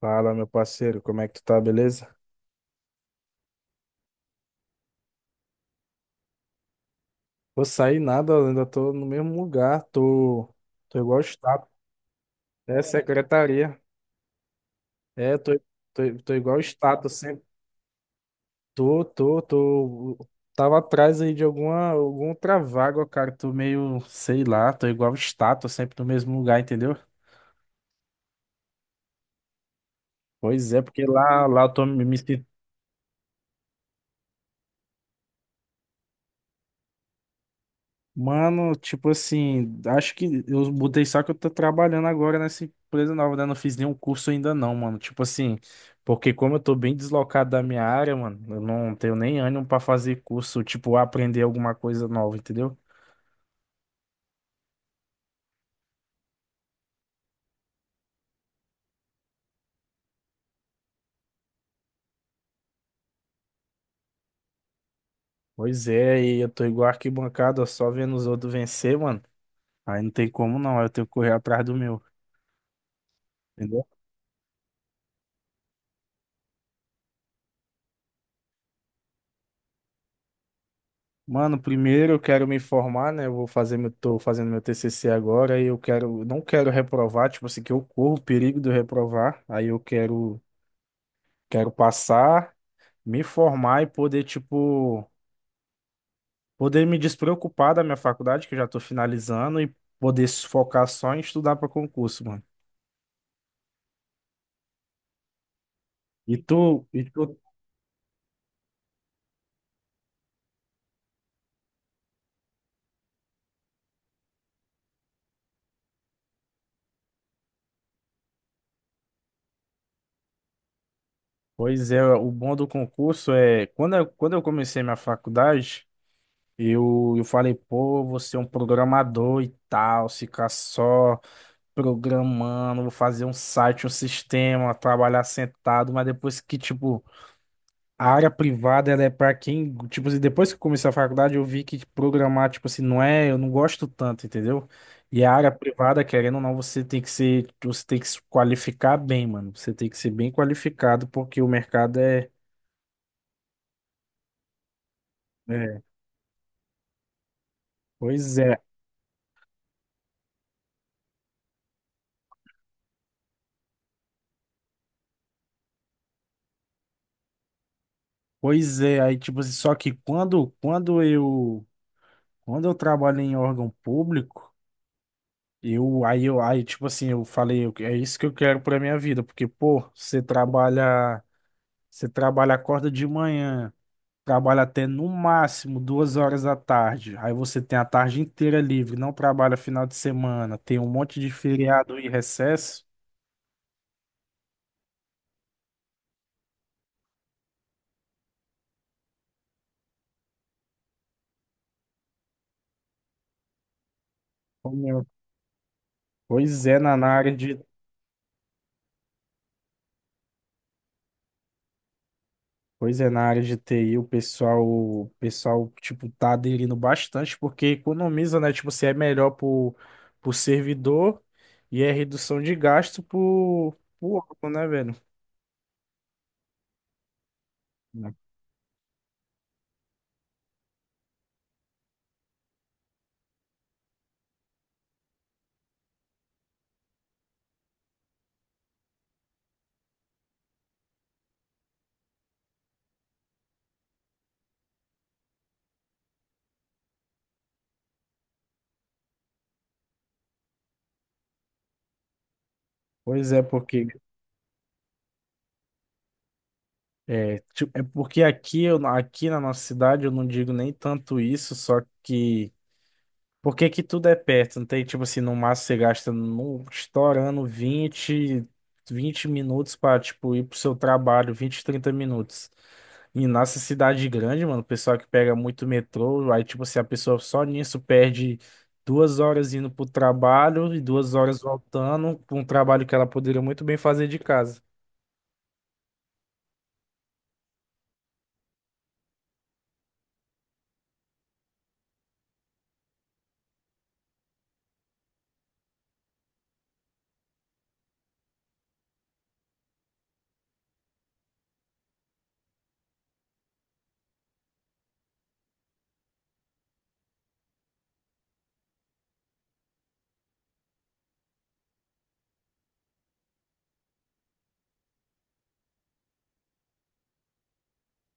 Fala, meu parceiro, como é que tu tá, beleza? Vou sair nada, eu ainda tô no mesmo lugar, tô igual estátua. É, secretaria. É, tô igual estátua, sempre. Tô. Tava atrás aí de alguma outra vaga, cara. Tô meio, sei lá, tô igual estátua, sempre no mesmo lugar, entendeu? Pois é, porque lá eu tô me. Mano, tipo assim, acho que eu mudei só que eu tô trabalhando agora nessa empresa nova, né? Não fiz nenhum curso ainda não, mano. Tipo assim, porque como eu tô bem deslocado da minha área, mano, eu não tenho nem ânimo pra fazer curso, tipo, aprender alguma coisa nova, entendeu? Pois é, e eu tô igual arquibancada, ó, só vendo os outros vencer, mano. Aí não tem como não, aí eu tenho que correr atrás do meu. Mano, primeiro eu quero me formar, né? Eu vou fazer meu, tô fazendo meu TCC agora e eu quero, não quero reprovar, tipo assim, que eu corro o perigo de eu reprovar. Aí eu quero, quero passar, me formar e poder, tipo, poder me despreocupar da minha faculdade, que eu já tô finalizando, e poder se focar só em estudar para concurso, mano. E tu, pois é, o bom do concurso é, quando eu comecei minha faculdade, eu falei, pô, eu vou ser um programador e tal, ficar só programando, vou fazer um site, um sistema, trabalhar sentado, mas depois que, tipo, a área privada, ela é pra quem, tipo, assim, depois que eu comecei a faculdade, eu vi que programar, tipo assim, não é, eu não gosto tanto, entendeu? E a área privada, querendo ou não, você tem que ser, você tem que se qualificar bem, mano. Você tem que ser bem qualificado, porque o mercado é, é, pois é, pois é, aí, tipo assim, só que quando eu trabalho em órgão público. Eu, aí, tipo assim, eu falei, eu- é isso que eu quero pra minha vida, porque, pô, você trabalha, acorda de manhã, trabalha até no máximo duas horas da tarde, aí você tem a tarde inteira livre, não trabalha final de semana, tem um monte de feriado e recesso. Ô, meu, pois é, na, na área de pois é, na área de TI, o pessoal, tipo, tá aderindo bastante, porque economiza, né? Tipo, você é melhor pro servidor e é redução de gasto pro órgão, né, velho? Né? Pois é, porque é, tipo, é porque aqui, eu, aqui na nossa cidade eu não digo nem tanto isso, só que por que que tudo é perto? Não tem, tipo assim, no máximo você gasta no, estourando vinte minutos pra, tipo, ir pro seu trabalho, 20 30 minutos. E nessa cidade grande, mano, o pessoal que pega muito metrô, aí, tipo assim, a pessoa só nisso perde duas horas indo pro trabalho e duas horas voltando, pra um trabalho que ela poderia muito bem fazer de casa.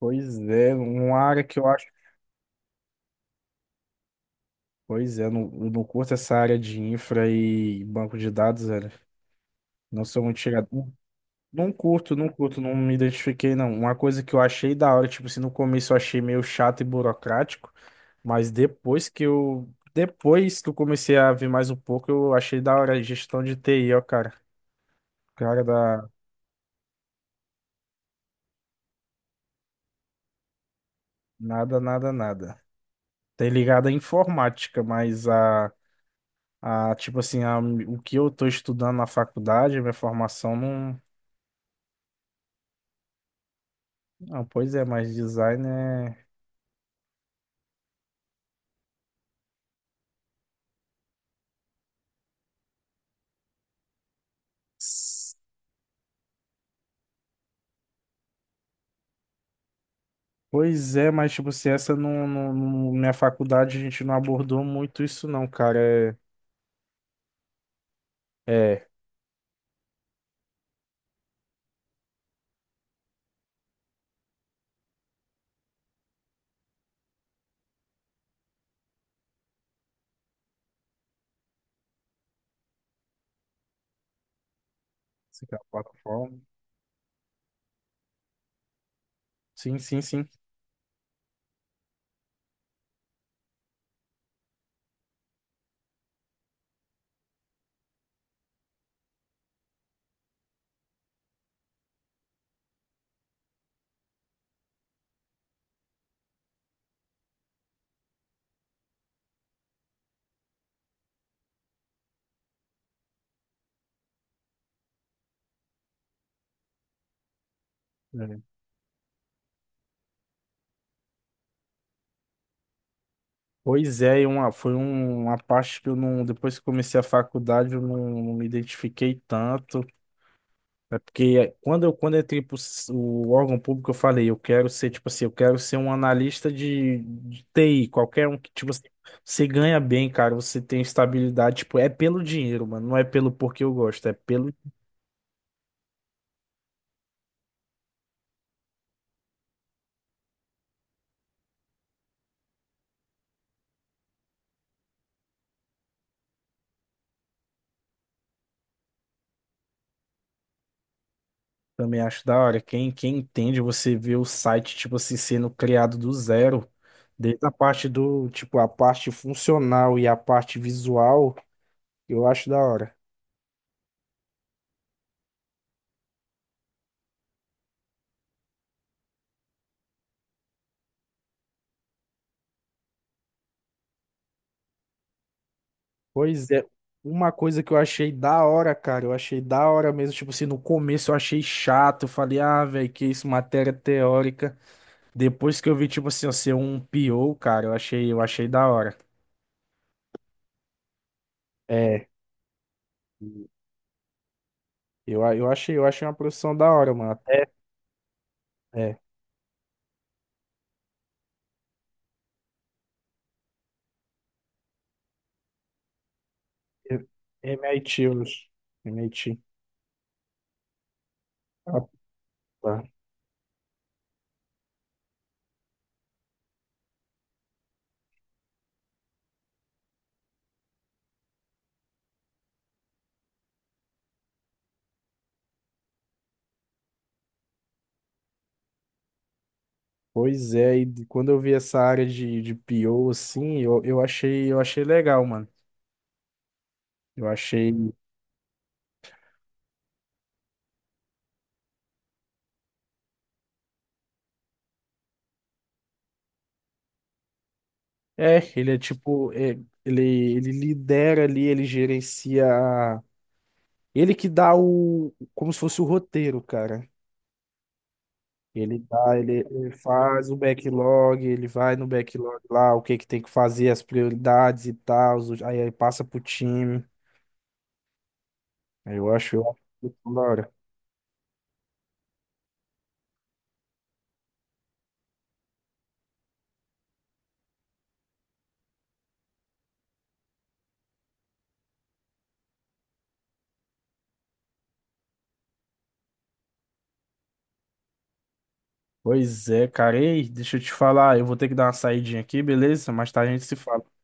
Pois é, uma área que eu acho. Pois é, eu não curto essa área de infra e banco de dados, velho. Não sou muito chegado. Não curto, não me identifiquei, não. Uma coisa que eu achei da hora, tipo assim, no começo eu achei meio chato e burocrático, mas depois que eu. Depois que eu comecei a ver mais um pouco, eu achei da hora a gestão de TI, ó, cara. Cara da. Nada, nada, nada. Tem ligado à informática, mas a tipo assim, a, o que eu tô estudando na faculdade, a minha formação não. Ah, pois é, mas design é. Pois é, mas tipo, se essa não- minha faculdade a gente não abordou muito isso não, cara. É, é, essa aqui é a plataforma. Sim. É. Pois é, e uma, foi um- uma parte que eu não, depois que comecei a faculdade, eu não, não me identifiquei tanto. É porque quando eu entrei pro s- o órgão público, eu falei, eu quero ser, tipo assim, eu quero ser um analista de TI, qualquer um que, tipo assim, você ganha bem, cara, você tem estabilidade, tipo, é pelo dinheiro, mano, não é pelo porque eu gosto, é pelo também acho da hora. Quem entende, você vê o site, tipo assim, sendo criado do zero, desde a parte do, tipo, a parte funcional e a parte visual, eu acho da hora. Pois é, uma coisa que eu achei da hora, cara, eu achei da hora mesmo, tipo assim, no começo eu achei chato, eu falei, ah, velho, que isso, matéria teórica. Depois que eu vi, tipo assim, eu ser um PO, cara, eu achei da hora. É, eu achei, eu achei uma profissão da hora, mano. Até é. MIT, Luz. MIT. Ah, tá. Pois é, e de- quando eu vi essa área de PO, assim, eu achei, eu achei legal, mano. Eu achei. É, ele é tipo. É, ele, ele lidera ali, ele gerencia. A- ele que dá o. Como se fosse o roteiro, cara. Ele dá, ele faz o backlog, ele vai no backlog lá, o que que tem que fazer, as prioridades e tal, os- aí, aí passa pro time. Aí eu acho isso da hora. Pois é, cara. Ei, deixa eu te falar, eu vou ter que dar uma saidinha aqui, beleza? Mais tarde a gente se fala.